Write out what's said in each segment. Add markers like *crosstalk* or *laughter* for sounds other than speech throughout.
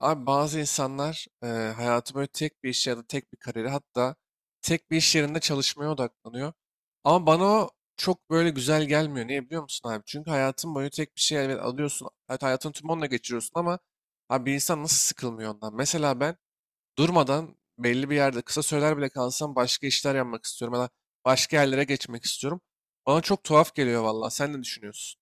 Abi bazı insanlar hayatı böyle tek bir işe ya da tek bir kariyere hatta tek bir iş yerinde çalışmaya odaklanıyor. Ama bana o çok böyle güzel gelmiyor. Niye biliyor musun abi? Çünkü hayatın boyu tek bir şey elbet alıyorsun. Evet, hayatın tüm onunla geçiriyorsun ama abi bir insan nasıl sıkılmıyor ondan? Mesela ben durmadan belli bir yerde kısa süreler bile kalsam başka işler yapmak istiyorum ya da başka yerlere geçmek istiyorum. Bana çok tuhaf geliyor valla. Sen ne düşünüyorsun?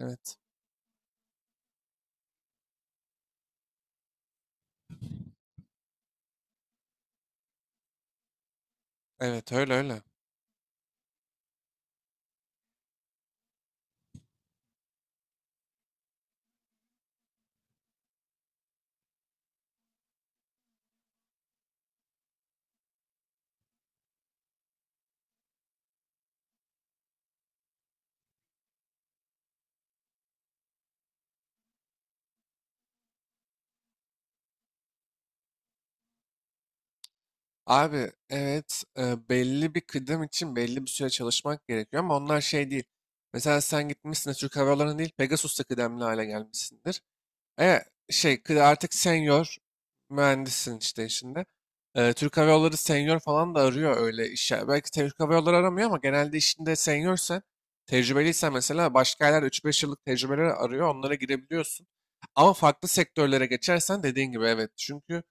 Evet. Evet, öyle öyle. Abi evet, belli bir kıdem için belli bir süre çalışmak gerekiyor ama onlar şey değil. Mesela sen gitmişsin de Türk Hava Yolları'na değil Pegasus'ta kıdemli hale gelmişsindir. E, Artık senior mühendissin işte işinde. Türk Hava Yolları senior falan da arıyor öyle işe. Belki Türk Hava Yolları aramıyor ama genelde işinde seniorsen, tecrübeliysen mesela başka yerler 3-5 yıllık tecrübeleri arıyor. Onlara girebiliyorsun. Ama farklı sektörlere geçersen dediğin gibi evet. Çünkü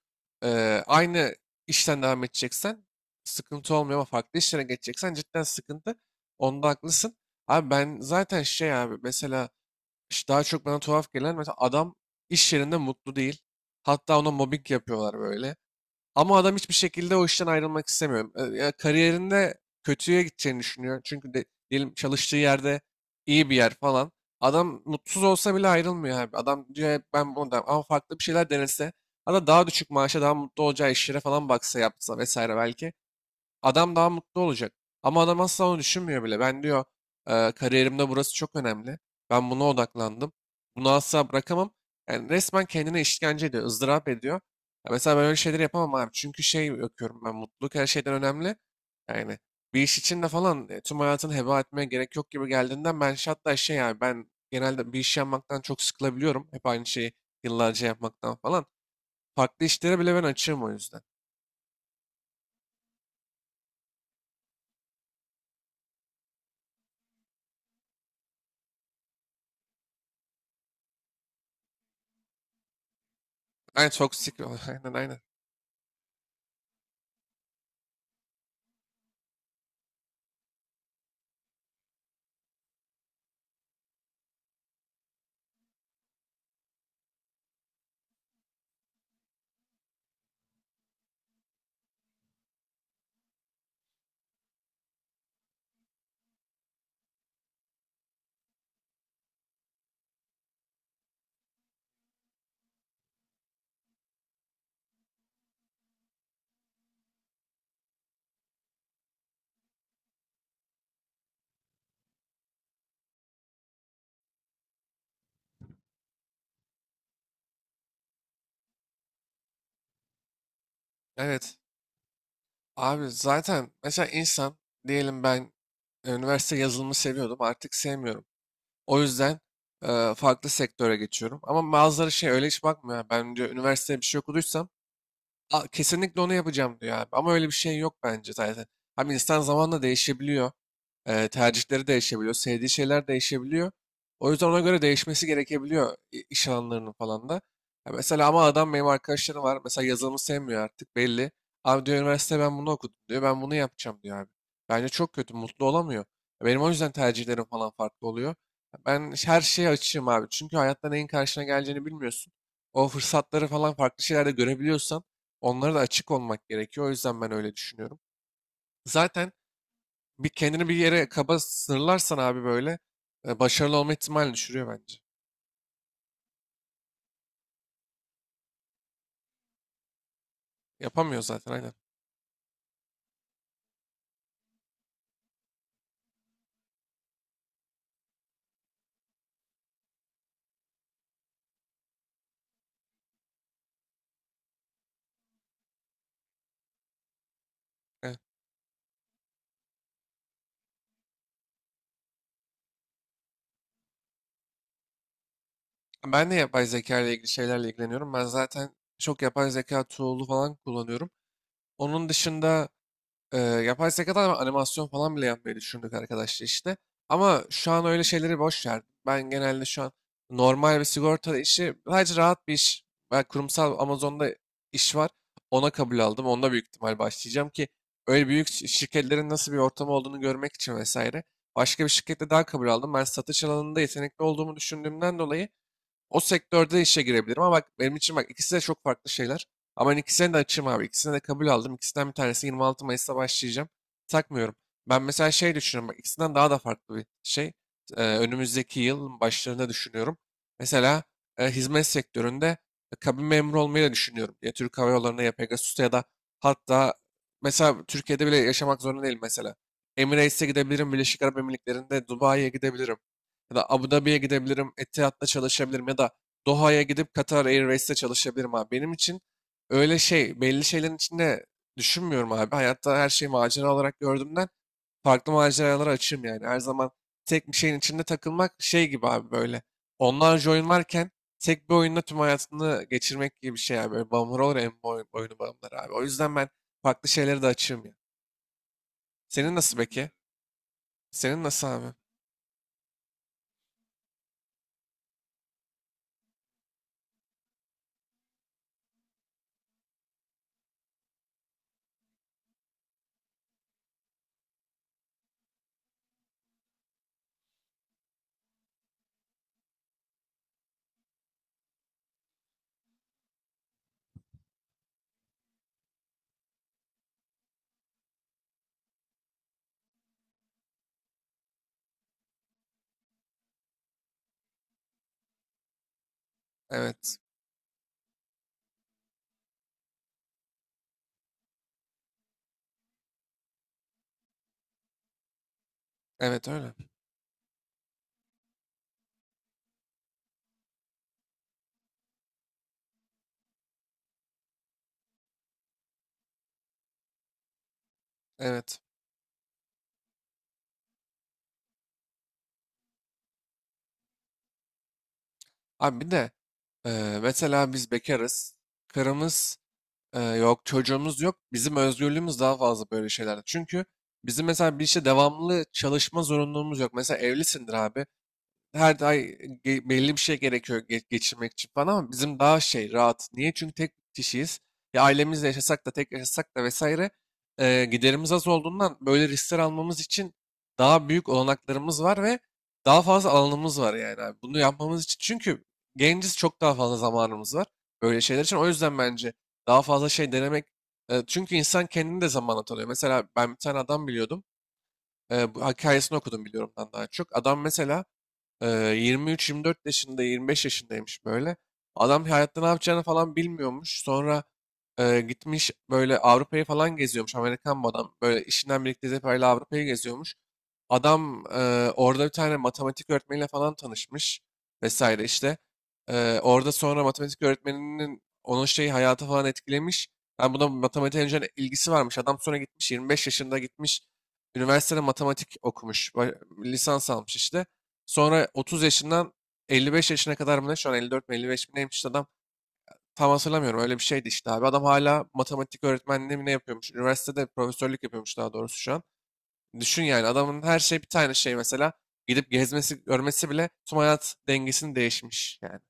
aynı işten devam edeceksen sıkıntı olmuyor ama farklı işlere geçeceksen cidden sıkıntı. Onda haklısın. Abi ben zaten şey abi mesela işte daha çok bana tuhaf gelen mesela adam iş yerinde mutlu değil. Hatta ona mobbing yapıyorlar böyle. Ama adam hiçbir şekilde o işten ayrılmak istemiyor. Ya kariyerinde kötüye gideceğini düşünüyor. Çünkü de, diyelim çalıştığı yerde iyi bir yer falan. Adam mutsuz olsa bile ayrılmıyor abi. Adam diyor "Hep ben bunu", da ama farklı bir şeyler denese. Hatta daha düşük maaşa daha mutlu olacağı işlere falan baksa yapsa vesaire belki. Adam daha mutlu olacak. Ama adam asla onu düşünmüyor bile. Ben diyor, Kariyerimde burası çok önemli. Ben buna odaklandım. Bunu asla bırakamam." Yani resmen kendine işkence ediyor, ızdırap ediyor. Ya mesela ben öyle şeyleri yapamam abi. Çünkü şey bakıyorum, ben mutluluk her şeyden önemli. Yani bir iş için de falan tüm hayatını heba etmeye gerek yok gibi geldiğinden ben hatta şey, yani ben genelde bir iş yapmaktan çok sıkılabiliyorum. Hep aynı şeyi yıllarca yapmaktan falan. Farklı işlere bile ben açığım o yüzden. Aynen, toksik. *laughs* Aynen, aynen. Evet. Abi zaten mesela insan, diyelim ben üniversite yazılımı seviyordum, artık sevmiyorum. O yüzden farklı sektöre geçiyorum. Ama bazıları şey öyle hiç bakmıyor. Ben diyor üniversitede bir şey okuduysam, "A, kesinlikle onu yapacağım" diyor abi. Ama öyle bir şey yok bence zaten. Abi insan zamanla değişebiliyor. Tercihleri değişebiliyor. Sevdiği şeyler değişebiliyor. O yüzden ona göre değişmesi gerekebiliyor iş alanlarının falan da. Ya mesela, ama adam benim arkadaşlarım var. Mesela yazılımı sevmiyor artık, belli. Abi diyor üniversite ben bunu okudum diyor. Ben bunu yapacağım diyor abi. Bence çok kötü. Mutlu olamıyor. Benim o yüzden tercihlerim falan farklı oluyor. Ben her şeye açığım abi. Çünkü hayatta neyin karşına geleceğini bilmiyorsun. O fırsatları falan farklı şeylerde görebiliyorsan onlara da açık olmak gerekiyor. O yüzden ben öyle düşünüyorum. Zaten bir kendini bir yere kaba sınırlarsan abi böyle başarılı olma ihtimalini düşürüyor bence. Yapamıyor zaten, aynen. Evet. Ben de yapay zeka ile ilgili şeylerle ilgileniyorum. Ben zaten çok yapay zeka tool'u falan kullanıyorum. Onun dışında yapay zekadan animasyon falan bile yapmayı düşündük arkadaşlar işte. Ama şu an öyle şeyleri boş ver. Ben genelde şu an normal bir sigorta işi, sadece rahat bir iş. Ben kurumsal Amazon'da iş var. Ona kabul aldım. Onda büyük ihtimal başlayacağım ki öyle büyük şirketlerin nasıl bir ortamı olduğunu görmek için vesaire. Başka bir şirkette daha kabul aldım. Ben satış alanında yetenekli olduğumu düşündüğümden dolayı o sektörde işe girebilirim ama bak benim için bak ikisi de çok farklı şeyler. Ama ben ikisine de açığım abi. İkisine de kabul aldım. İkisinden bir tanesi 26 Mayıs'ta başlayacağım. Takmıyorum. Ben mesela şey düşünüyorum. Bak ikisinden daha da farklı bir şey. Önümüzdeki yıl başlarında düşünüyorum. Mesela hizmet sektöründe kabin memuru olmayı da düşünüyorum. Ya Türk Hava Yolları'na ya Pegasus'ta ya da hatta mesela Türkiye'de bile yaşamak zorunda değil mesela. Emirates'e gidebilirim. Birleşik Arap Emirlikleri'nde Dubai'ye gidebilirim ya da Abu Dhabi'ye gidebilirim, Etihad'da çalışabilirim ya da Doha'ya gidip Qatar Airways'te çalışabilirim abi. Benim için öyle şey, belli şeylerin içinde düşünmüyorum abi. Hayatta her şeyi macera olarak gördüğümden farklı maceralara açığım yani. Her zaman tek bir şeyin içinde takılmak şey gibi abi böyle. Onlarca oyun varken tek bir oyunda tüm hayatını geçirmek gibi bir şey abi. Böyle bağımlılar olur ya, oyunu bağımlılar abi. O yüzden ben farklı şeylere de açığım ya. Senin nasıl peki? Senin nasıl abi? Evet. Evet, öyle. Evet. Abi bir de mesela biz bekarız. Karımız yok, çocuğumuz yok. Bizim özgürlüğümüz daha fazla böyle şeylerde. Çünkü bizim mesela bir işte devamlı çalışma zorunluluğumuz yok. Mesela evlisindir abi, her ay belli bir şey gerekiyor geçirmek için falan ama bizim daha şey rahat. Niye? Çünkü tek kişiyiz. Ya ailemizle yaşasak da tek yaşasak da vesaire giderimiz az olduğundan böyle riskler almamız için daha büyük olanaklarımız var ve daha fazla alanımız var yani abi. Bunu yapmamız için, çünkü genciz, çok daha fazla zamanımız var böyle şeyler için. O yüzden bence daha fazla şey denemek, çünkü insan kendini de zamanla tanıyor. Mesela ben bir tane adam biliyordum. Bu hikayesini okudum biliyorum ben daha çok. Adam mesela ee, 23-24 yaşında, 25 yaşındaymış böyle. Adam hayatta ne yapacağını falan bilmiyormuş. Sonra gitmiş böyle Avrupa'yı falan geziyormuş. Amerikan bu adam. Böyle işinden birlikte Zeper'le Avrupa'yı geziyormuş. Adam orada bir tane matematik öğretmeniyle falan tanışmış vesaire işte. Orada sonra matematik öğretmeninin onun şeyi hayatı falan etkilemiş. Ben buna matematiğe önceden ilgisi varmış. Adam sonra gitmiş, 25 yaşında gitmiş üniversitede matematik okumuş. Lisans almış işte. Sonra 30 yaşından 55 yaşına kadar mı ne? Şu an 54 mi 55 mi neymiş işte adam. Tam hatırlamıyorum. Öyle bir şeydi işte abi. Adam hala matematik öğretmenliği mi ne yapıyormuş? Üniversitede profesörlük yapıyormuş daha doğrusu şu an. Düşün yani adamın her şey bir tane şey mesela. Gidip gezmesi, görmesi bile tüm hayat dengesini değişmiş yani.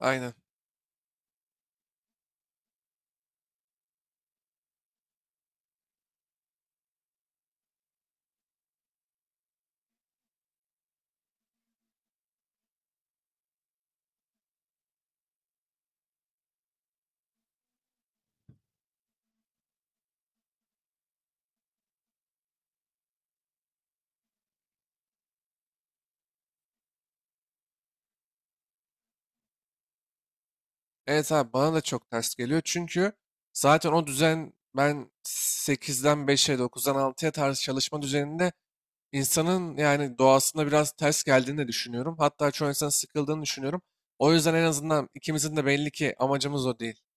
Aynen. Evet abi, bana da çok ters geliyor. Çünkü zaten o düzen, ben sekizden beşe dokuzdan altıya tarz çalışma düzeninde insanın yani doğasında biraz ters geldiğini de düşünüyorum. Hatta çoğu insanın sıkıldığını düşünüyorum. O yüzden en azından ikimizin de belli ki amacımız o değil.